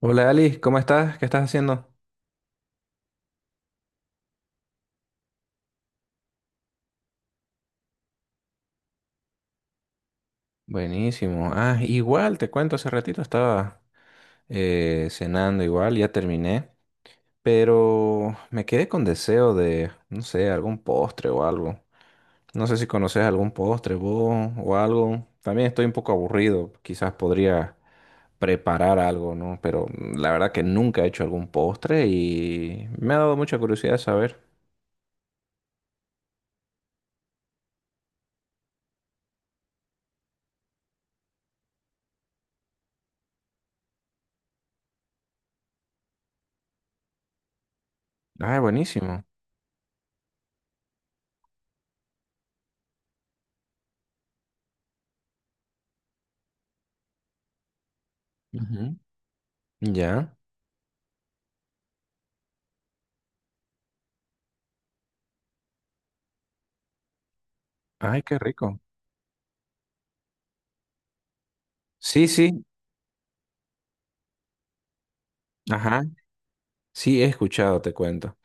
Hola Ali, ¿cómo estás? ¿Qué estás haciendo? Buenísimo. Ah, igual, te cuento, hace ratito estaba cenando igual, ya terminé, pero me quedé con deseo de, no sé, algún postre o algo. No sé si conoces algún postre vos o algo. También estoy un poco aburrido, quizás podría preparar algo, ¿no? Pero la verdad que nunca he hecho algún postre y me ha dado mucha curiosidad saber. Ay, buenísimo. Ujú. Ya. Ay, qué rico. Sí, sí. Ajá. Sí, he escuchado, te cuento.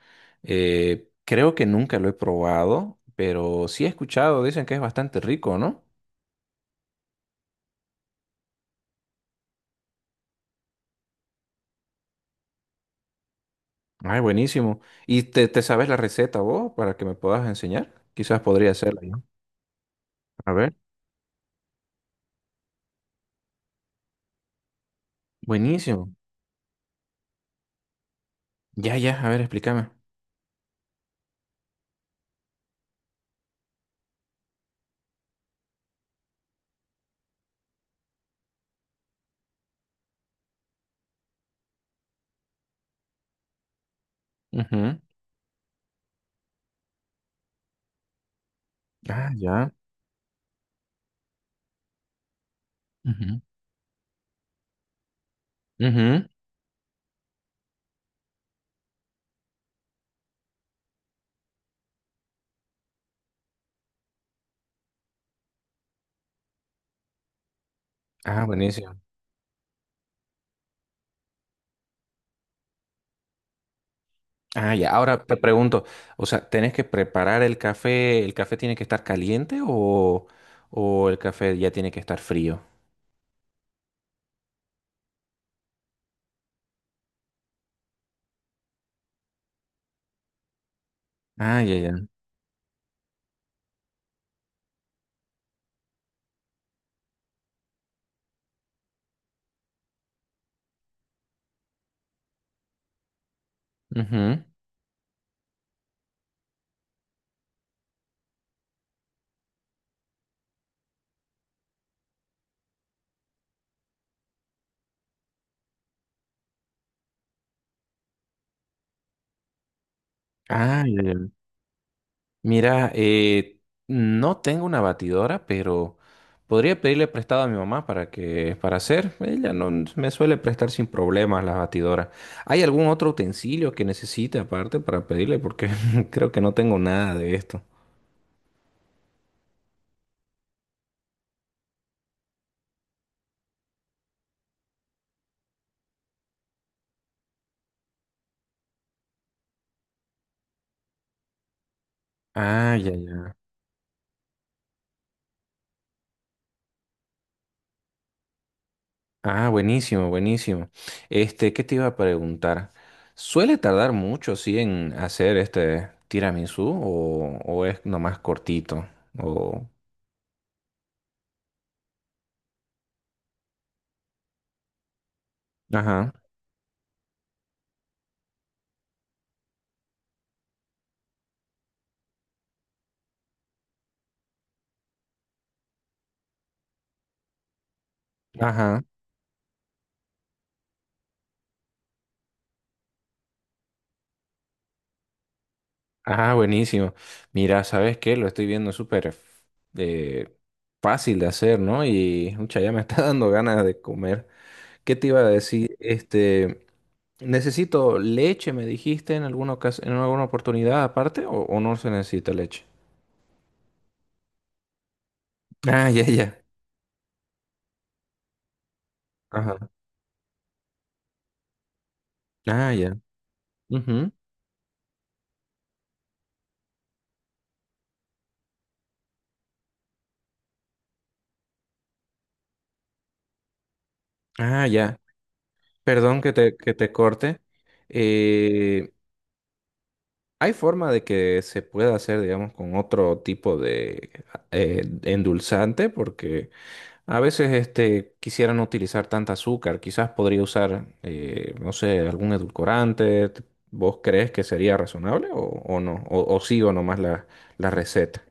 Creo que nunca lo he probado, pero sí he escuchado, dicen que es bastante rico, ¿no? Ay, buenísimo. ¿Y te sabes la receta vos para que me puedas enseñar? Quizás podría hacerla, ¿no? A ver. Buenísimo. Ya, ya, a ver, explícame. Ujú. Ah, ya. Ujú. Ujú. Ah, buenísimo. Ah, ya. Ahora te pregunto, o sea, ¿tenés que preparar el café? ¿El café tiene que estar caliente o el café ya tiene que estar frío? Ah, ya, ya. Ujú. Ah, ya, ya. Mira, no tengo una batidora, pero podría pedirle prestado a mi mamá para que, para hacer. Ella no me suele prestar sin problemas las batidoras. ¿Hay algún otro utensilio que necesite aparte para pedirle? Porque creo que no tengo nada de esto. Ah, ya, ya. Ah, buenísimo, buenísimo. Este, ¿qué te iba a preguntar? ¿Suele tardar mucho, sí, en hacer este tiramisú o es nomás cortito? O... Ajá, ajá. Ah, buenísimo. Mira, ¿sabes qué? Lo estoy viendo súper eh, fácil de hacer, ¿no? Y mucha ya me está dando ganas de comer. ¿Qué te iba a decir? Este, necesito leche, me dijiste en en alguna oportunidad aparte, o no se necesita leche. Ah, ya, ya. Ajá. Ah, ya. Ujú. Ah, ya. Perdón que te corte. Eh, ¿Hay forma de que se pueda hacer, digamos, con otro tipo de endulzante? Porque a veces este, quisiera no utilizar tanta azúcar, quizás podría usar, no sé, algún edulcorante. T- ¿Vos crees que sería razonable o no? O sigo nomás la receta?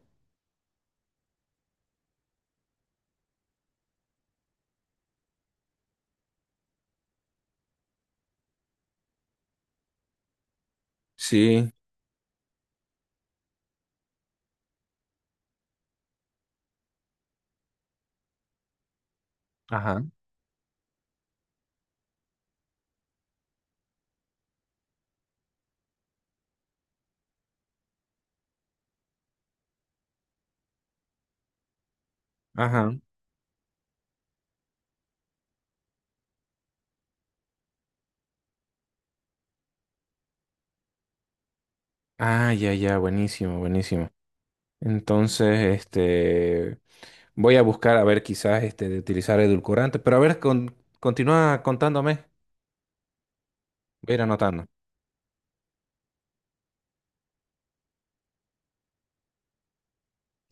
Sí, ajá, ajá. Ah, ya, ya, buenísimo, buenísimo. Entonces, este, voy a buscar a ver quizás este, de utilizar edulcorante, pero a ver, con, continúa contándome, voy a ir anotando.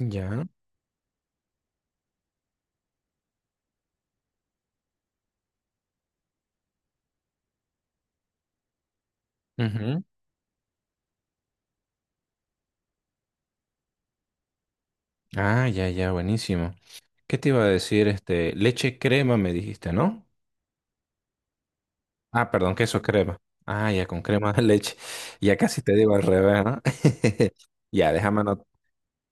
Ya. Ujú. Ah, ya, ya, buenísimo. ¿Qué te iba a decir? Este, leche crema me dijiste, ¿no? Ah, perdón, queso crema. Ah, ya con crema de leche. Ya casi te digo al revés, ¿no? Ya,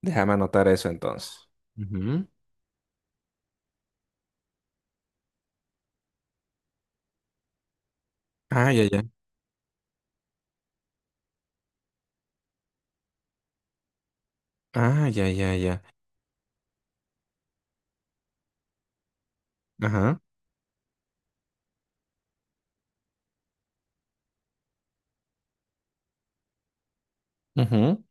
déjame anotar eso entonces. Ujú. Ah, ya, ya. Ah, ya, ya, ya. Ajá. Ujú.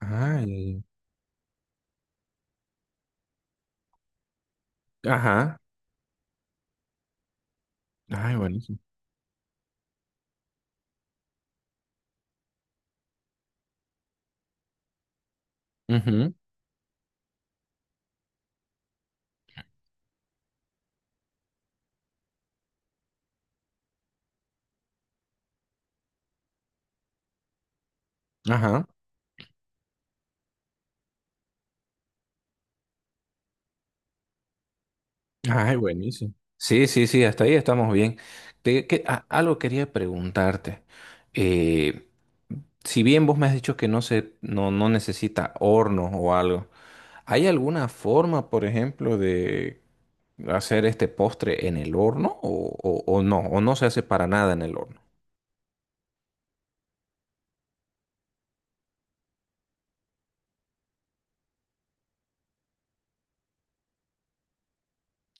Ah, ya, ya. Ajá. Ay, buenísimo. Ujú. Ajá. Ay, buenísimo. Sí, sí, sí, hasta ahí estamos bien. Algo quería preguntarte. Eh, si bien vos me has dicho que no se, no, no necesita horno o algo, ¿hay alguna forma, por ejemplo, de hacer este postre en el horno o, o no? ¿O no se hace para nada en el horno?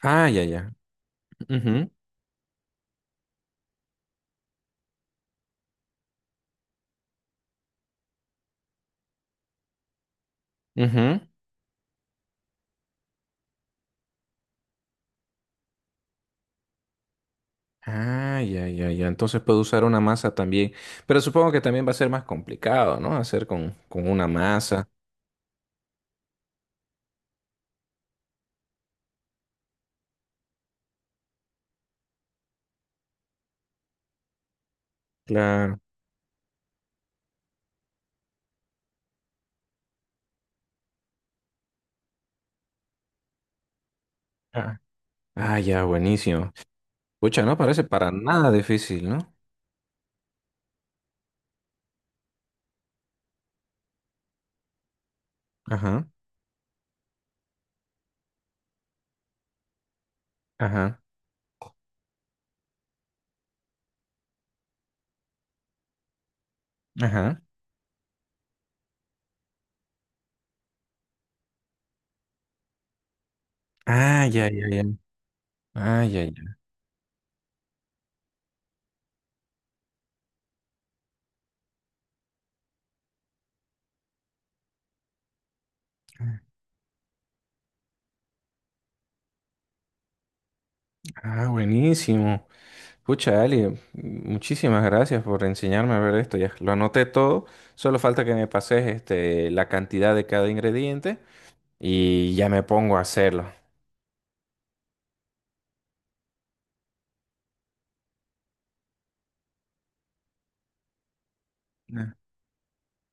Ah, ya, ya. Ujú, ujú. Ah, ya, ya, ya. Entonces puedo usar una masa también. Pero supongo que también va a ser más complicado, ¿no? Hacer con una masa. Claro. Ah, ya, buenísimo. Pucha, no parece para nada difícil, ¿no? Ajá, ajá, ajá. Ah, ya, ya, ya. Ah, ya, ya. Ah, buenísimo. Pucha, Ali, muchísimas gracias por enseñarme a ver esto. Ya lo anoté todo. Solo falta que me pases este, la cantidad de cada ingrediente y ya me pongo a hacerlo.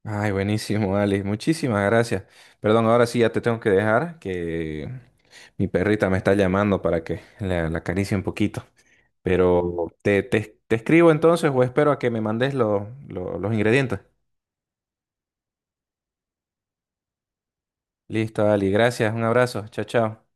Ay, buenísimo, Ali. Muchísimas gracias. Perdón, ahora sí ya te tengo que dejar, que mi perrita me está llamando para que la acaricie un poquito. Pero te escribo entonces o espero a que me mandes los ingredientes. Listo, Ali. Gracias. Un abrazo. Chao, chao.